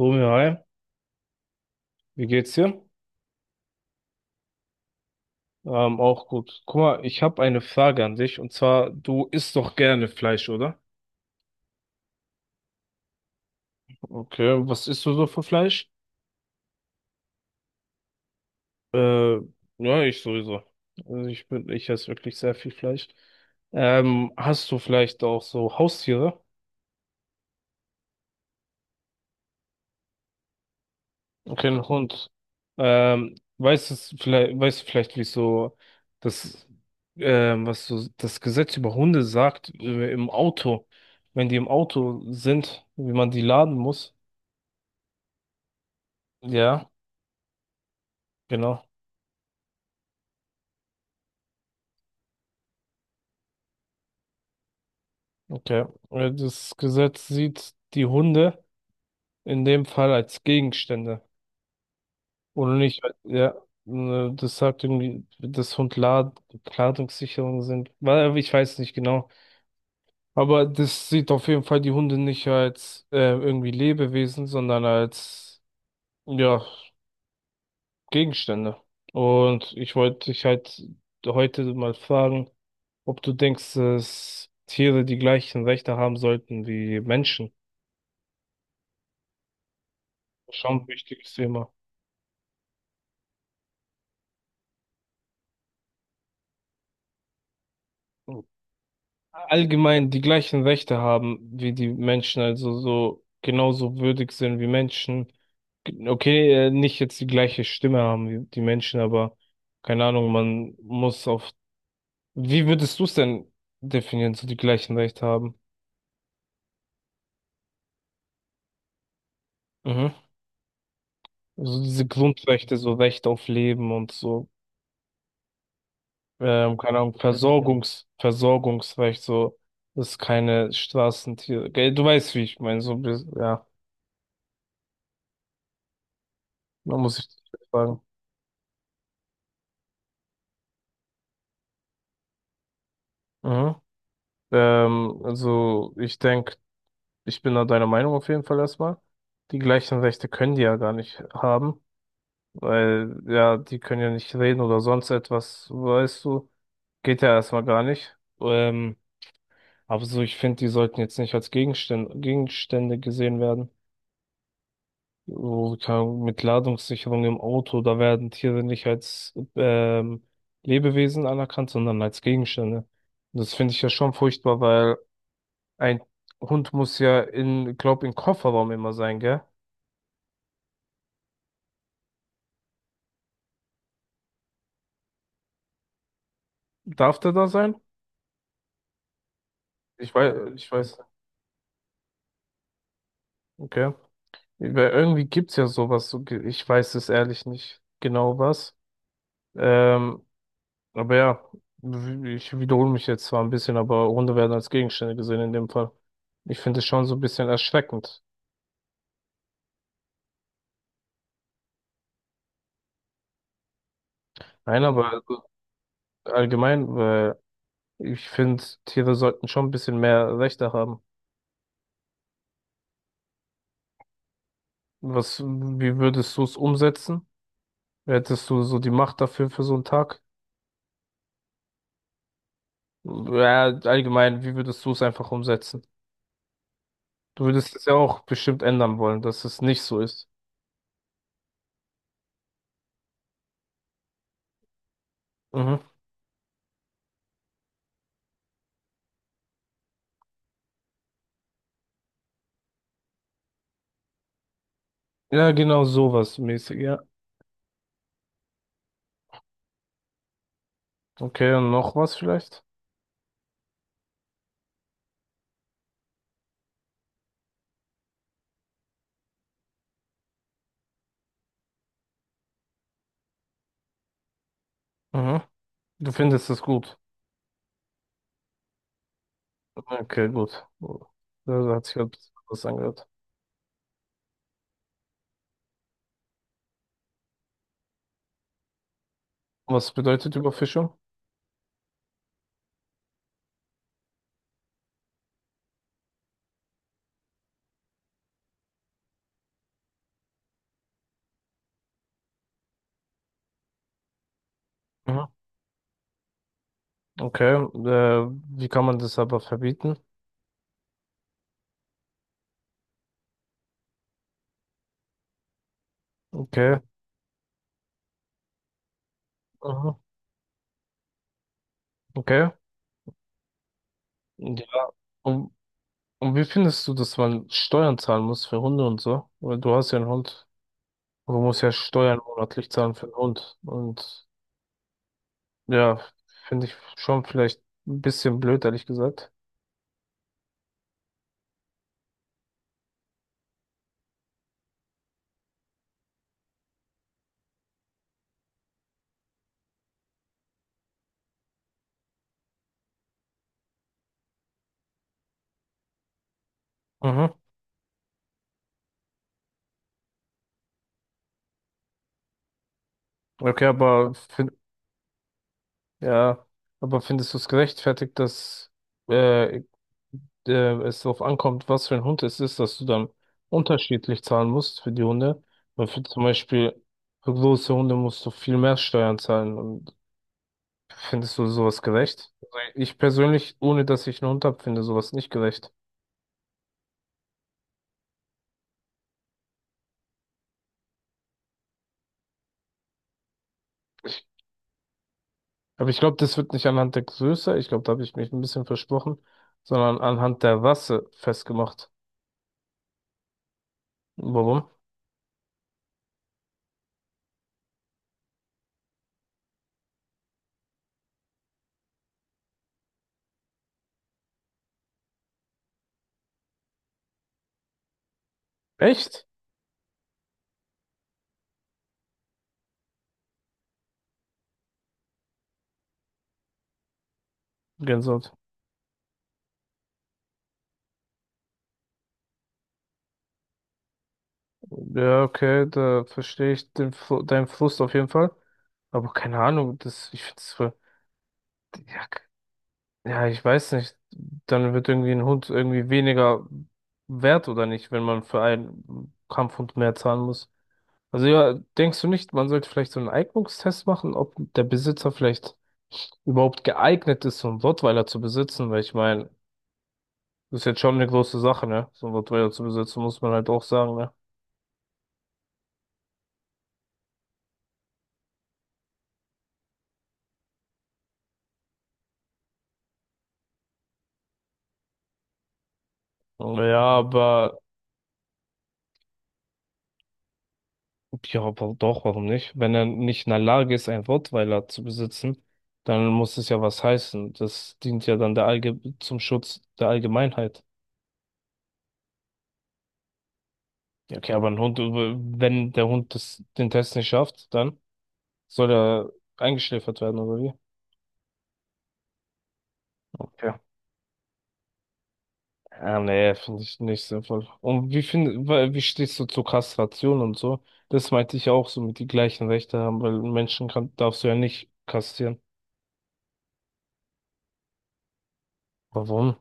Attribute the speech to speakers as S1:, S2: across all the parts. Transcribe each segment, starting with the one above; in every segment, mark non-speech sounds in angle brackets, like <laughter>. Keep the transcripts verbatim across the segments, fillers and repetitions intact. S1: Romeo, hi, wie geht's dir? Ähm, auch gut. Guck mal, ich habe eine Frage an dich und zwar, du isst doch gerne Fleisch, oder? Okay, was isst du so für Fleisch? Äh, ja, ich sowieso. Also ich bin, ich esse wirklich sehr viel Fleisch. Ähm, hast du vielleicht auch so Haustiere? Okay, einen Hund. Ähm, weißt es vielleicht, weißt du vielleicht, wie so das, ähm, was so das Gesetz über Hunde sagt, äh, im Auto, wenn die im Auto sind, wie man die laden muss? Ja, genau. Okay. Äh, Das Gesetz sieht die Hunde in dem Fall als Gegenstände. Oder nicht? Als- ja, äh, das sagt irgendwie, dass Hund Lad Ladungssicherung sind. Weil, äh, ich weiß nicht genau. Aber das sieht auf jeden Fall die Hunde nicht als äh, irgendwie Lebewesen, sondern als, ja, Gegenstände. Und ich wollte dich halt heute mal fragen, ob du denkst, dass Tiere die gleichen Rechte haben sollten wie Menschen. Schon ein wichtiges Thema. Allgemein die gleichen Rechte haben wie die Menschen, also so genauso würdig sind wie Menschen. Okay, äh, nicht jetzt die gleiche Stimme haben wie die Menschen, aber keine Ahnung, man muss auf. Wie würdest du es denn definieren, so die gleichen Rechte haben? Mhm. So diese Grundrechte, so Recht auf Leben und so, ähm, keine Ahnung, Versorgungs, Versorgungsrecht, so, dass keine Straßentiere. Gell, du weißt, wie ich meine, so, bis- ja. Da muss ich sagen. Mhm. Ähm, also ich denke, ich bin da deiner Meinung auf jeden Fall erstmal. Die gleichen Rechte können die ja gar nicht haben, weil ja, die können ja nicht reden oder sonst etwas, weißt du. Geht ja erstmal gar nicht. Ähm, aber so, ich finde, die sollten jetzt nicht als Gegenstände, Gegenstände gesehen werden. So, keine Ahnung, mit Ladungssicherung im Auto, da werden Tiere nicht als ähm, Lebewesen anerkannt, sondern als Gegenstände. Und das finde ich ja schon furchtbar, weil ein Hund muss ja in, glaub, im Kofferraum immer sein, gell? Darf der da sein? Ich weiß, ich weiß, okay. Weil irgendwie gibt's ja sowas, so ge- ich weiß es ehrlich nicht genau was. Ähm, aber ja, w- ich wiederhole mich jetzt zwar ein bisschen, aber Hunde werden als Gegenstände gesehen in dem Fall. Ich finde es schon so ein bisschen erschreckend. Nein, aber also allgemein, weil ich finde, Tiere sollten schon ein bisschen mehr Rechte haben. Was, wie würdest du es umsetzen? Hättest du so die Macht dafür für so einen Tag? Ja, allgemein, wie würdest du es einfach umsetzen? Du würdest es ja auch bestimmt ändern wollen, dass es nicht so ist. Mhm. Ja, genau sowas mäßig, ja. Okay, und noch was vielleicht? Mhm. Du findest es gut. Okay, gut. Ja, da hat sich halt was angehört. Was bedeutet Überfischung? Mhm. Okay, äh, wie kann man das aber verbieten? Okay, mhm. Okay, ja. Und Und wie findest du, dass man Steuern zahlen muss für Hunde und so? Weil du hast ja einen Hund. Du musst ja Steuern monatlich zahlen für einen Hund. Und ja, finde ich schon vielleicht ein bisschen blöd, ehrlich gesagt. Mhm. Okay, aber find, ja, aber findest du es gerechtfertigt, dass äh, äh, es darauf ankommt, was für ein Hund es ist, dass du dann unterschiedlich zahlen musst für die Hunde? Weil für zum Beispiel für große Hunde musst du viel mehr Steuern zahlen. Findest du sowas gerecht? Also ich persönlich, ohne dass ich einen Hund habe, finde sowas nicht gerecht. Ich, Aber ich glaube, das wird nicht anhand der Größe, ich glaube, da habe ich mich ein bisschen versprochen, sondern anhand der Rasse festgemacht. Warum? Echt? Gänsehaut. Ja, okay, da verstehe ich den, Fr- deinen Frust auf jeden Fall. Aber keine Ahnung, das, ich finde es voll, ja, k- ja, ich weiß nicht. Dann wird irgendwie ein Hund irgendwie weniger wert oder nicht, wenn man für einen Kampfhund mehr zahlen muss. Also ja, denkst du nicht, man sollte vielleicht so einen Eignungstest machen, ob der Besitzer vielleicht überhaupt geeignet ist, so einen Rottweiler zu besitzen? Weil ich meine, das ist jetzt schon eine große Sache, ne? So einen Rottweiler zu besitzen, muss man halt auch sagen, ne? Ja, aber ja, aber doch, warum nicht? Wenn er nicht in der Lage ist, einen Rottweiler zu besitzen, dann muss es ja was heißen. Das dient ja dann der Allge zum Schutz der Allgemeinheit. Ja, okay, aber ein Hund, äh, wenn der Hund das, den Test nicht schafft, dann soll er eingeschläfert werden, oder wie? Okay. Ähm, nee, finde ich nicht sinnvoll. Und wie find, wa- wie stehst du zur Kastration und so? Das meinte ich auch, so mit die gleichen Rechte haben, weil einen Menschen kann, darfst du ja nicht kastrieren. Warum?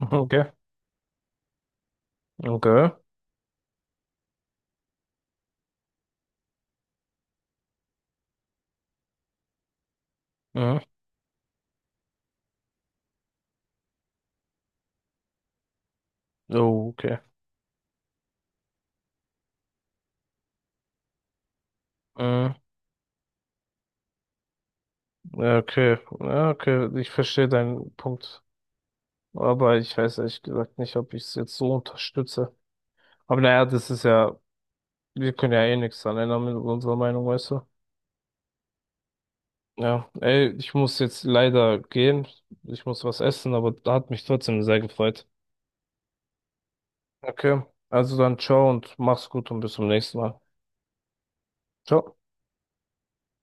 S1: <laughs> Okay, okay, mhm. Oh, okay, mhm. Ja, okay, ja, okay, ich verstehe deinen Punkt. Aber ich weiß ehrlich gesagt nicht, ob ich es jetzt so unterstütze. Aber naja, das ist ja, wir können ja eh nichts dran ändern mit unserer Meinung, weißt du? Ja, ey, ich muss jetzt leider gehen. Ich muss was essen, aber hat mich trotzdem sehr gefreut. Okay, also dann ciao und mach's gut und bis zum nächsten Mal. Ciao.